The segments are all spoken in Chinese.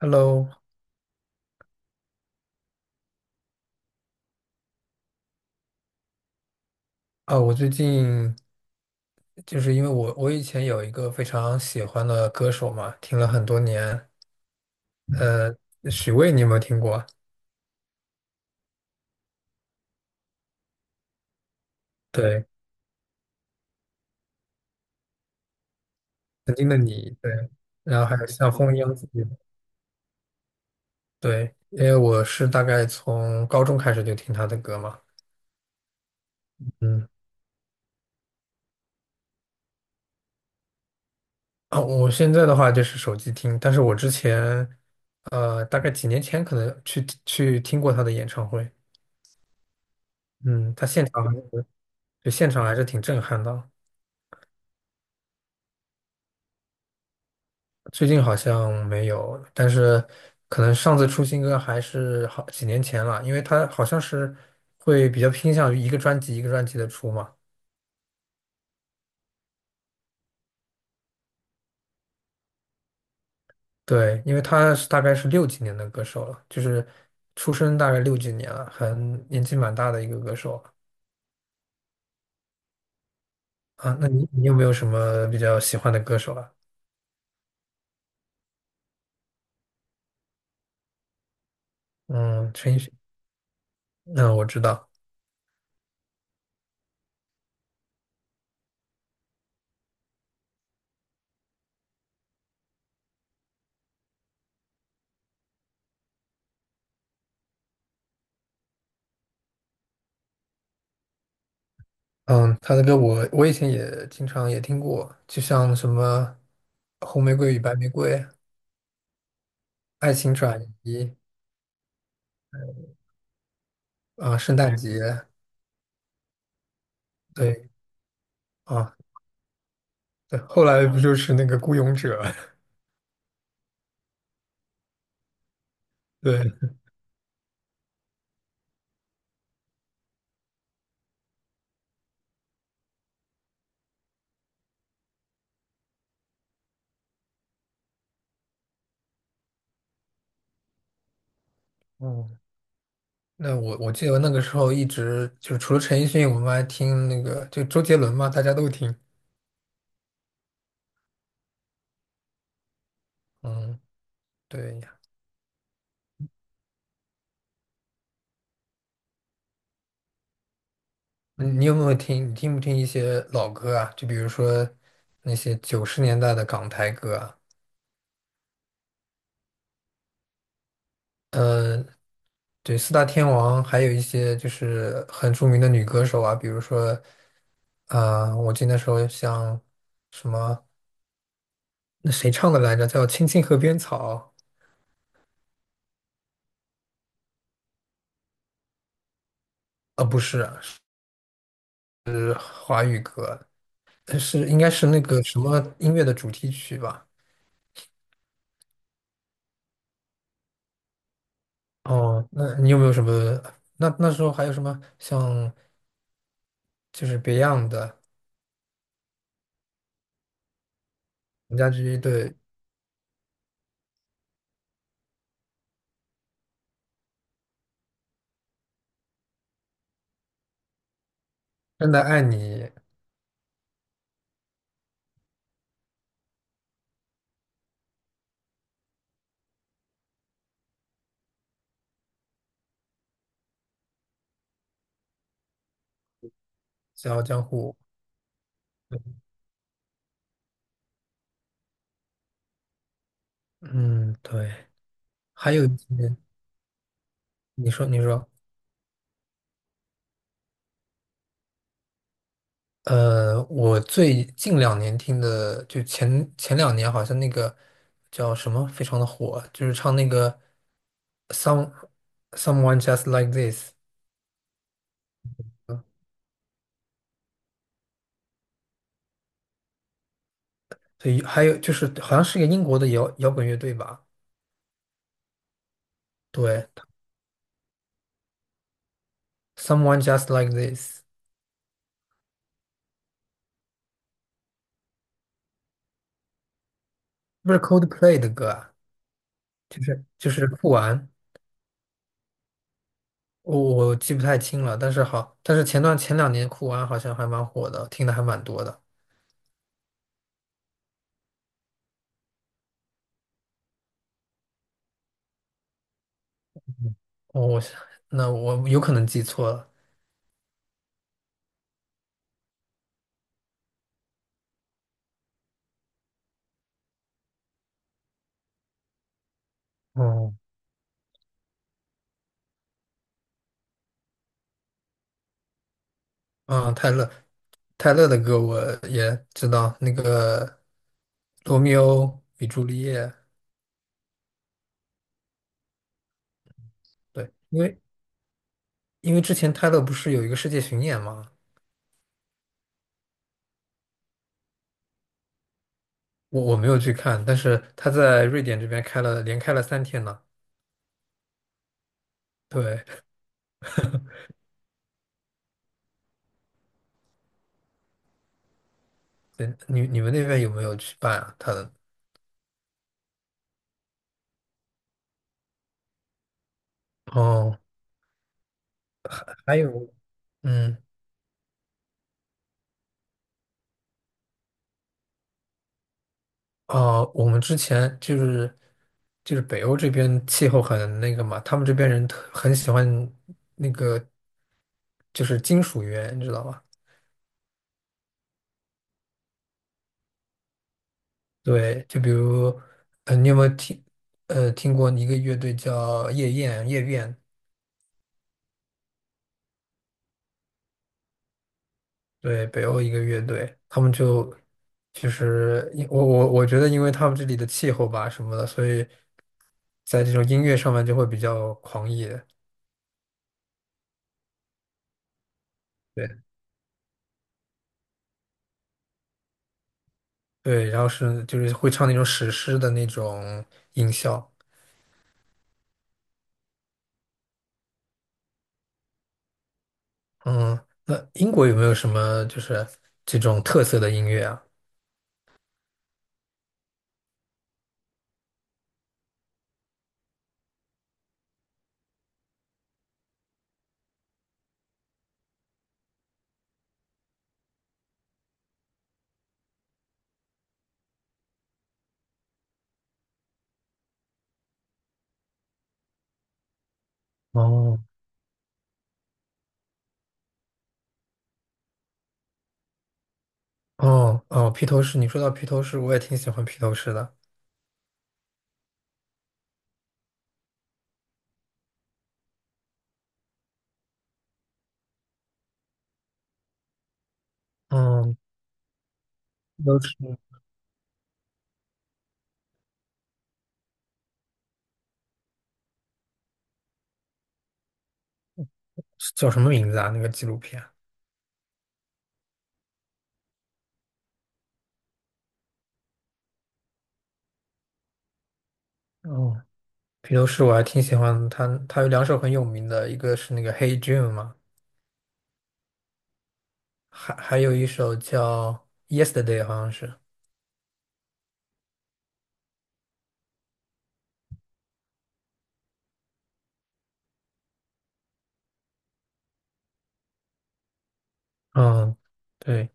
Hello，啊，我最近就是因为我以前有一个非常喜欢的歌手嘛，听了很多年，呃，许巍你有没有听过？对对，然后还有像风一样自己，对，因为我是大概从高中开始就听他的歌嘛，嗯，啊，我现在的话就是手机听，但是我之前，大概几年前可能去听过他的演唱会，嗯，他现场还是，对，现场还是挺震撼的，最近好像没有，但是可能上次出新歌还是好几年前了，因为他好像是会比较偏向于一个专辑一个专辑的出嘛。对，因为他是大概是六几年的歌手了，就是出生大概六几年了，很年纪蛮大的一个歌手了啊。那你有没有什么比较喜欢的歌手啊？嗯，陈奕迅，嗯，我知道，嗯，他的歌我以前也经常也听过，就像什么《红玫瑰与白玫瑰》《爱情转移》啊，圣诞节，对啊，对，后来不就是那个《孤勇者》对，嗯，那我记得那个时候一直就是除了陈奕迅，我们还听那个就周杰伦嘛，大家都听。嗯，对呀，嗯你有没有听？你听不听一些老歌啊？就比如说那些90年代的港台歌啊，呃，对，四大天王，还有一些就是很著名的女歌手啊，比如说，我记得那时候像什么。那谁唱的来着？叫《青青河边草》啊，不是啊，是华语歌，是应该是那个什么音乐的主题曲吧？哦，那你有没有什么？那时候还有什么像就是 Beyond 的陈家驹对《真的爱你》《笑傲江湖》，嗯，对，还有一些你说我最近两年听的，就前两年好像那个叫什么非常的火，就是唱那个 Some Someone Just Like This，所以还有就是好像是一个英国的摇滚乐队吧，对，Someone Just Like This，不是 Coldplay 的歌啊，就是就是酷玩，我记不太清了，但是好，但是前两年酷玩好像还蛮火的，听的还蛮多的，我我那我有可能记错了，哦。啊，泰勒，泰勒的歌我也知道，那个《罗密欧与朱丽叶》。对，因为之前泰勒不是有一个世界巡演嘛，我没有去看，但是他在瑞典这边开了，连开了3天呢。对，对，你们那边有没有去办啊？他的哦，还有，嗯。我们之前就是北欧这边气候很那个嘛，他们这边人特很喜欢那个就是金属乐，你知道吧？对，就比如你有没有听听过一个乐队叫夜宴？对，北欧一个乐队，他们就其实因我我我觉得，因为他们这里的气候吧什么的，所以在这种音乐上面就会比较狂野。对对，然后是就是会唱那种史诗的那种音效。嗯，那英国有没有什么就是这种特色的音乐啊？哦哦哦，披头士，你说到披头士，我也挺喜欢披头士的。嗯，披头士是叫什么名字啊？那个纪录片？哦，披头士我还挺喜欢他，他有2首很有名的，一个是那个《Hey Jude》嘛，还有一首叫《Yesterday》，好像是。嗯，对。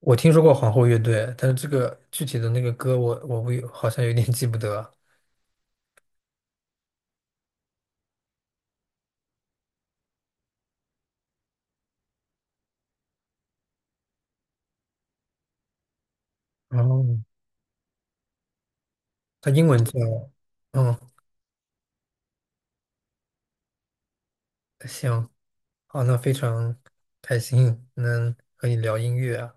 我听说过皇后乐队，但是这个具体的那个歌我不好像有点记不得。哦，它英文叫，嗯，行，好，那非常开心能和你聊音乐啊。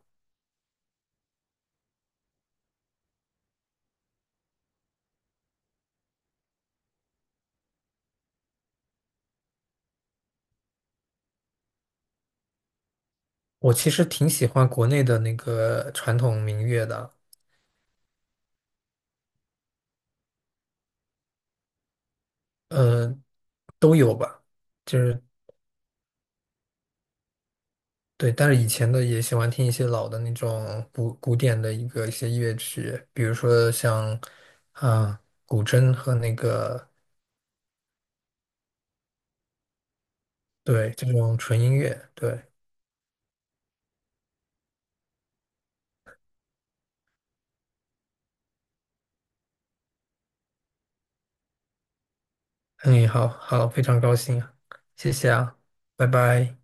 我其实挺喜欢国内的那个传统民乐的，呃，就是对，但是以前的也喜欢听一些老的那种古典的一些乐曲，比如说像啊古筝和那个对这种纯音乐，对。嗯，好好，非常高兴啊，谢谢啊，拜拜。